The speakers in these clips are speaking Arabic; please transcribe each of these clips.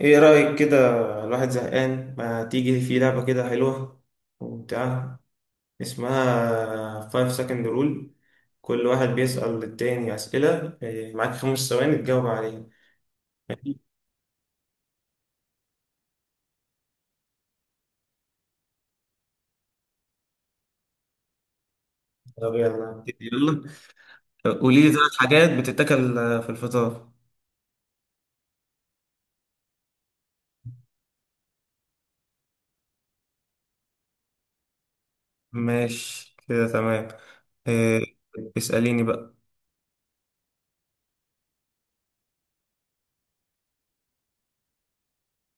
ايه رأيك كده؟ الواحد زهقان، ما تيجي في لعبة كده حلوة وممتعة؟ اسمها 5 second rule. كل واحد بيسأل التاني أسئلة، معاك 5 ثواني تجاوب عليها. طب يلا نبتدي. يلا، قولي لي ثلاث حاجات بتتاكل في الفطار. ماشي كده تمام. إيه، اسأليني بقى.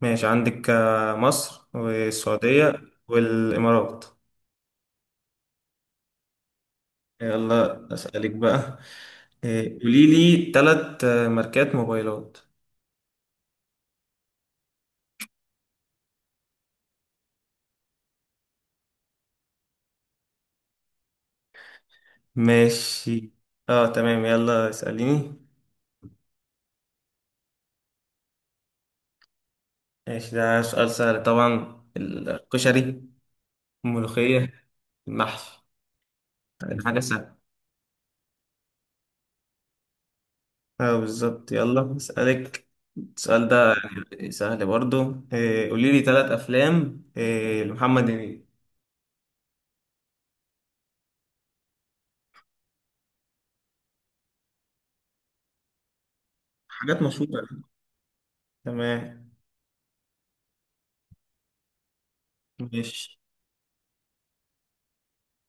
ماشي، عندك مصر والسعودية والإمارات. يلا أسألك بقى. قولي لي ثلاث ماركات موبايلات. ماشي، اه تمام. يلا اسأليني. ماشي، ده سؤال سهل، طبعا الكشري، الملوخية، المحشي، يعني حاجة سهلة. اه بالظبط، يلا اسألك السؤال ده. يعني سهل برضو. قولي لي ثلاث أفلام لمحمد هنيدي. حاجات مشهورة. تمام. ماشي.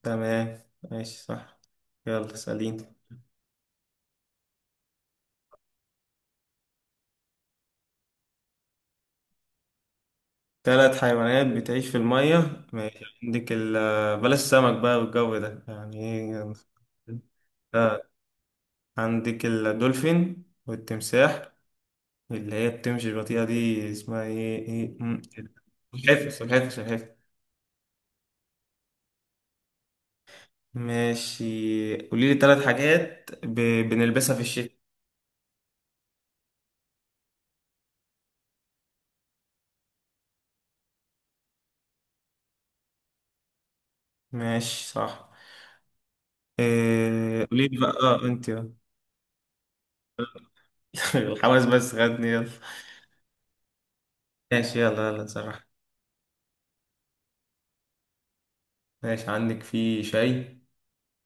تمام. ماشي صح. يلا اسأليني. ثلاث حيوانات بتعيش في المية. ماشي، عندك بلاش سمك بقى، والجو ده يعني ايه. آه، عندك الدولفين والتمساح. اللي هي بتمشي البطيئة دي، اسمها ايه؟ سلحفاة سلحفاة سلحفاة. ماشي، قولي لي ثلاث حاجات بنلبسها في الشتاء. ماشي صح. قولي لي بقى، اه انت الحواس بس، خدني يلا. ماشي يلا يلا صراحة. ماشي، عندك في شاي،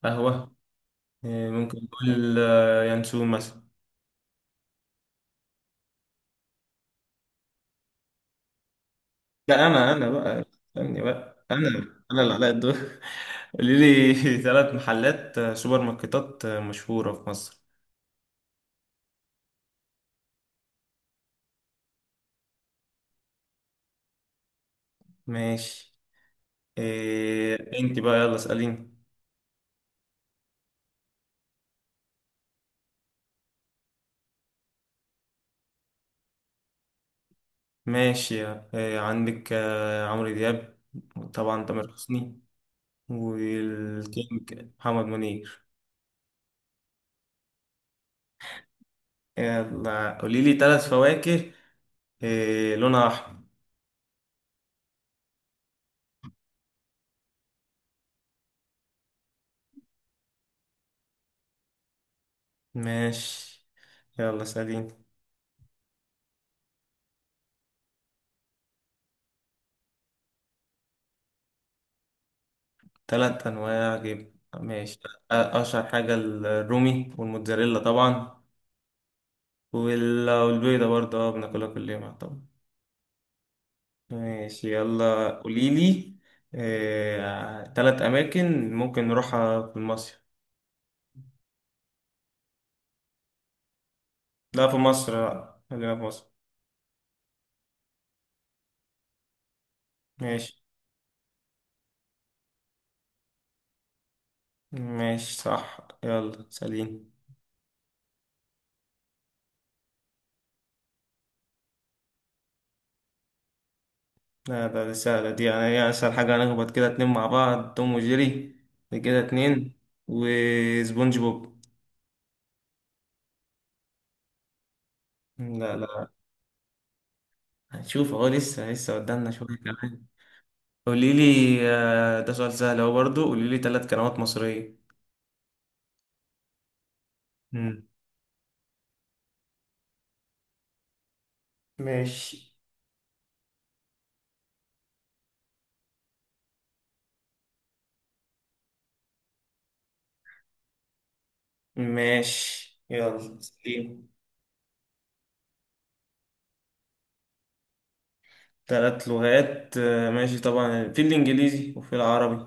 قهوة، ممكن نقول ينسون مثلا. لا انا بقى استني بقى، انا انا اللي عليا الدور. قولي لي ثلاث محلات، سوبر ماركتات، مشهورة في مصر. ماشي. إيه انت بقى، يلا اسأليني. ماشي، إيه عندك، عمرو دياب، طبعا تامر حسني، والكينج محمد منير. يلا، قولي لي ثلاث فواكه إيه لونها احمر. ماشي. يلا اسأليني. تلات أنواع جبن، ماشي. أشهر حاجة الرومي والموتزاريلا طبعا، والبيضة برضه، اه بناكلها كل يوم طبعا. ماشي. يلا قوليلي، تلات أماكن ممكن نروحها في مصر. لا في مصر، لا خلينا في مصر. ماشي. ماشي صح. يلا سليم. لا، ده دي سهلة دي، يعني هي أسهل حاجة، هنخبط كده اتنين مع بعض، توم وجيري، دي كده اتنين. وسبونج بوب. لا لا. هنشوف اهو، لسه لسه قدامنا شوية كمان. قولي لي، ده سؤال سهل اهو برضه، قولي لي ثلاث كلمات مصرية. مم. ماشي. ماشي يلا سليم. ثلاث لغات، ماشي، طبعا في الإنجليزي وفي العربي،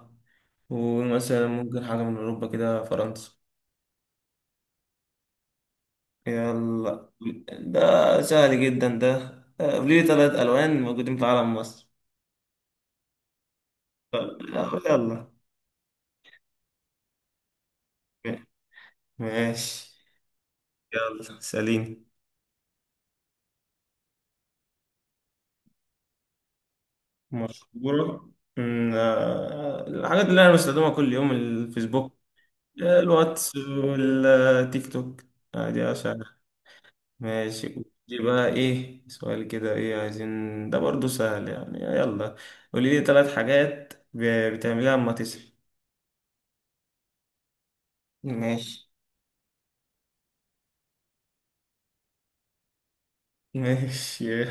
ومثلا ممكن حاجة من أوروبا كده، فرنسا. يلا، ده سهل جدا ده. قولي لي ثلاث ألوان موجودين في علم مصر. آه، يلا. ماشي. يلا سليم. مشهورة. الحاجات اللي أنا بستخدمها كل يوم، الفيسبوك، الواتس والتيك توك. عادي يا سهل. ماشي. دي بقى إيه سؤال كده، إيه عايزين، ده برضو سهل يعني. يلا، قولي لي ثلاث حاجات بتعمليها أما تصحي. ماشي. ماشي.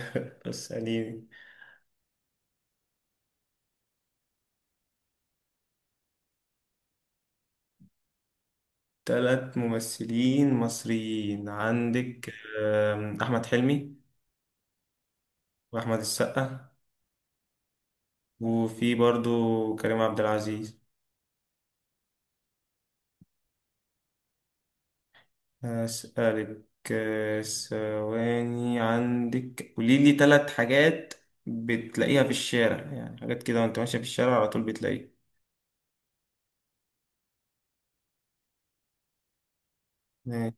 اسأليني. ثلاث ممثلين مصريين، عندك أحمد حلمي، وأحمد السقا، وفي برضو كريم عبد العزيز. هسألك، ثواني، عندك، قولي لي ثلاث حاجات بتلاقيها في الشارع، يعني حاجات كده وانت ماشية في الشارع على طول بتلاقيها. ما-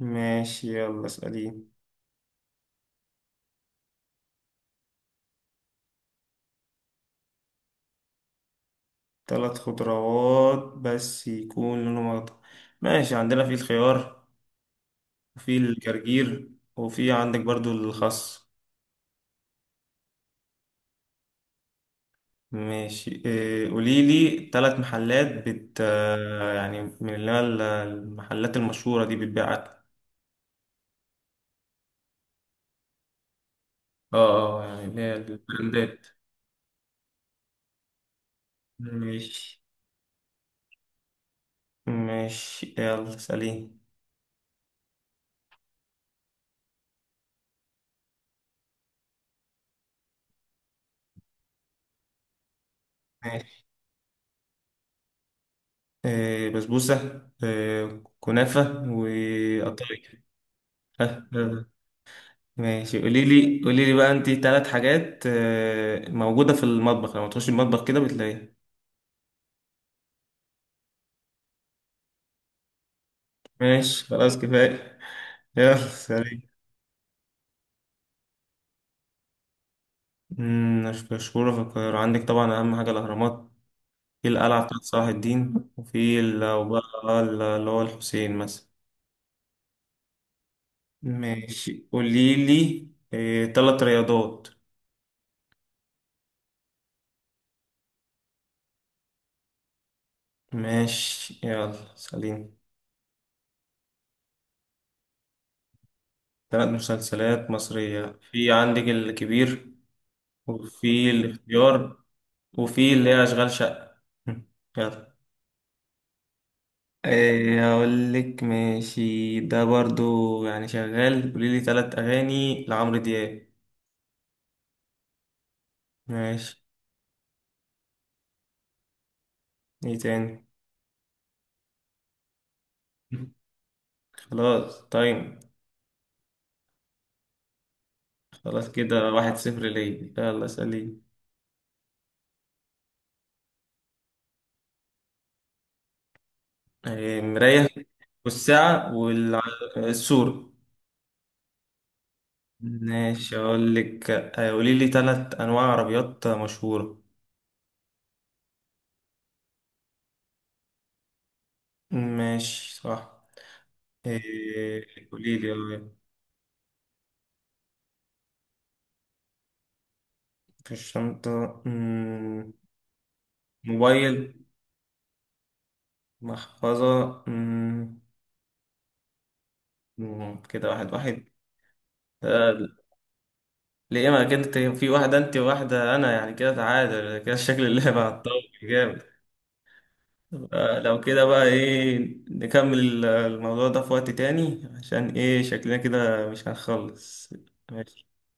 ماشي. يلا اسأليني. ثلاث خضروات بس يكون لونهم أخضر. ماشي، عندنا في الخيار، وفي الجرجير، وفي عندك برضو الخس. ماشي. قولي لي ثلاث محلات بت يعني، من اللي هي المحلات المشهورة دي بتبيع أكل. اه اه، يعني اللي هي البراندات. ماشي. ماشي يلا سليم. ماشي، آه بسبوسة، آه كنافة، وقطايف. آه. آه. ماشي، قولي لي بقى انت ثلاث حاجات آه موجودة في المطبخ، لما تخش المطبخ كده بتلاقيها. ماشي، خلاص كفاية. يلا سليم. مش مشهورة في القاهرة، عندك طبعا أهم حاجة الأهرامات، في القلعة بتاعت صلاح الدين، وفي وبقى اللي هو الحسين مثلا. ماشي، قولي لي إيه تلات رياضات. ماشي يلا سليم. تلات مسلسلات مصرية، في عندك الكبير، وفي الاختيار، وفي اللي هي أشغال شقة. مم. يلا. إيه أقول لك، ماشي ده برضو يعني شغال. قولي لي تلات أغاني لعمرو دياب. ماشي. إيه تاني؟ خلاص طيب. خلاص كده 1-0 ليا، يلا سليم. مراية، والساعة، والسور. ماشي. أقول لك، قولي لي تلات أنواع عربيات مشهورة. ماشي صح. آه، قولي لي، في الشنطة. موبايل، محفظة. كده واحد واحد. آه، ليه؟ ما كده في واحدة أنت وواحدة أنا، يعني كده تعادل، كده شكل اللعبة هتطول جامد. لو كده بقى ايه، نكمل الموضوع ده في وقت تاني، عشان ايه شكلنا كده مش هنخلص. ماشي.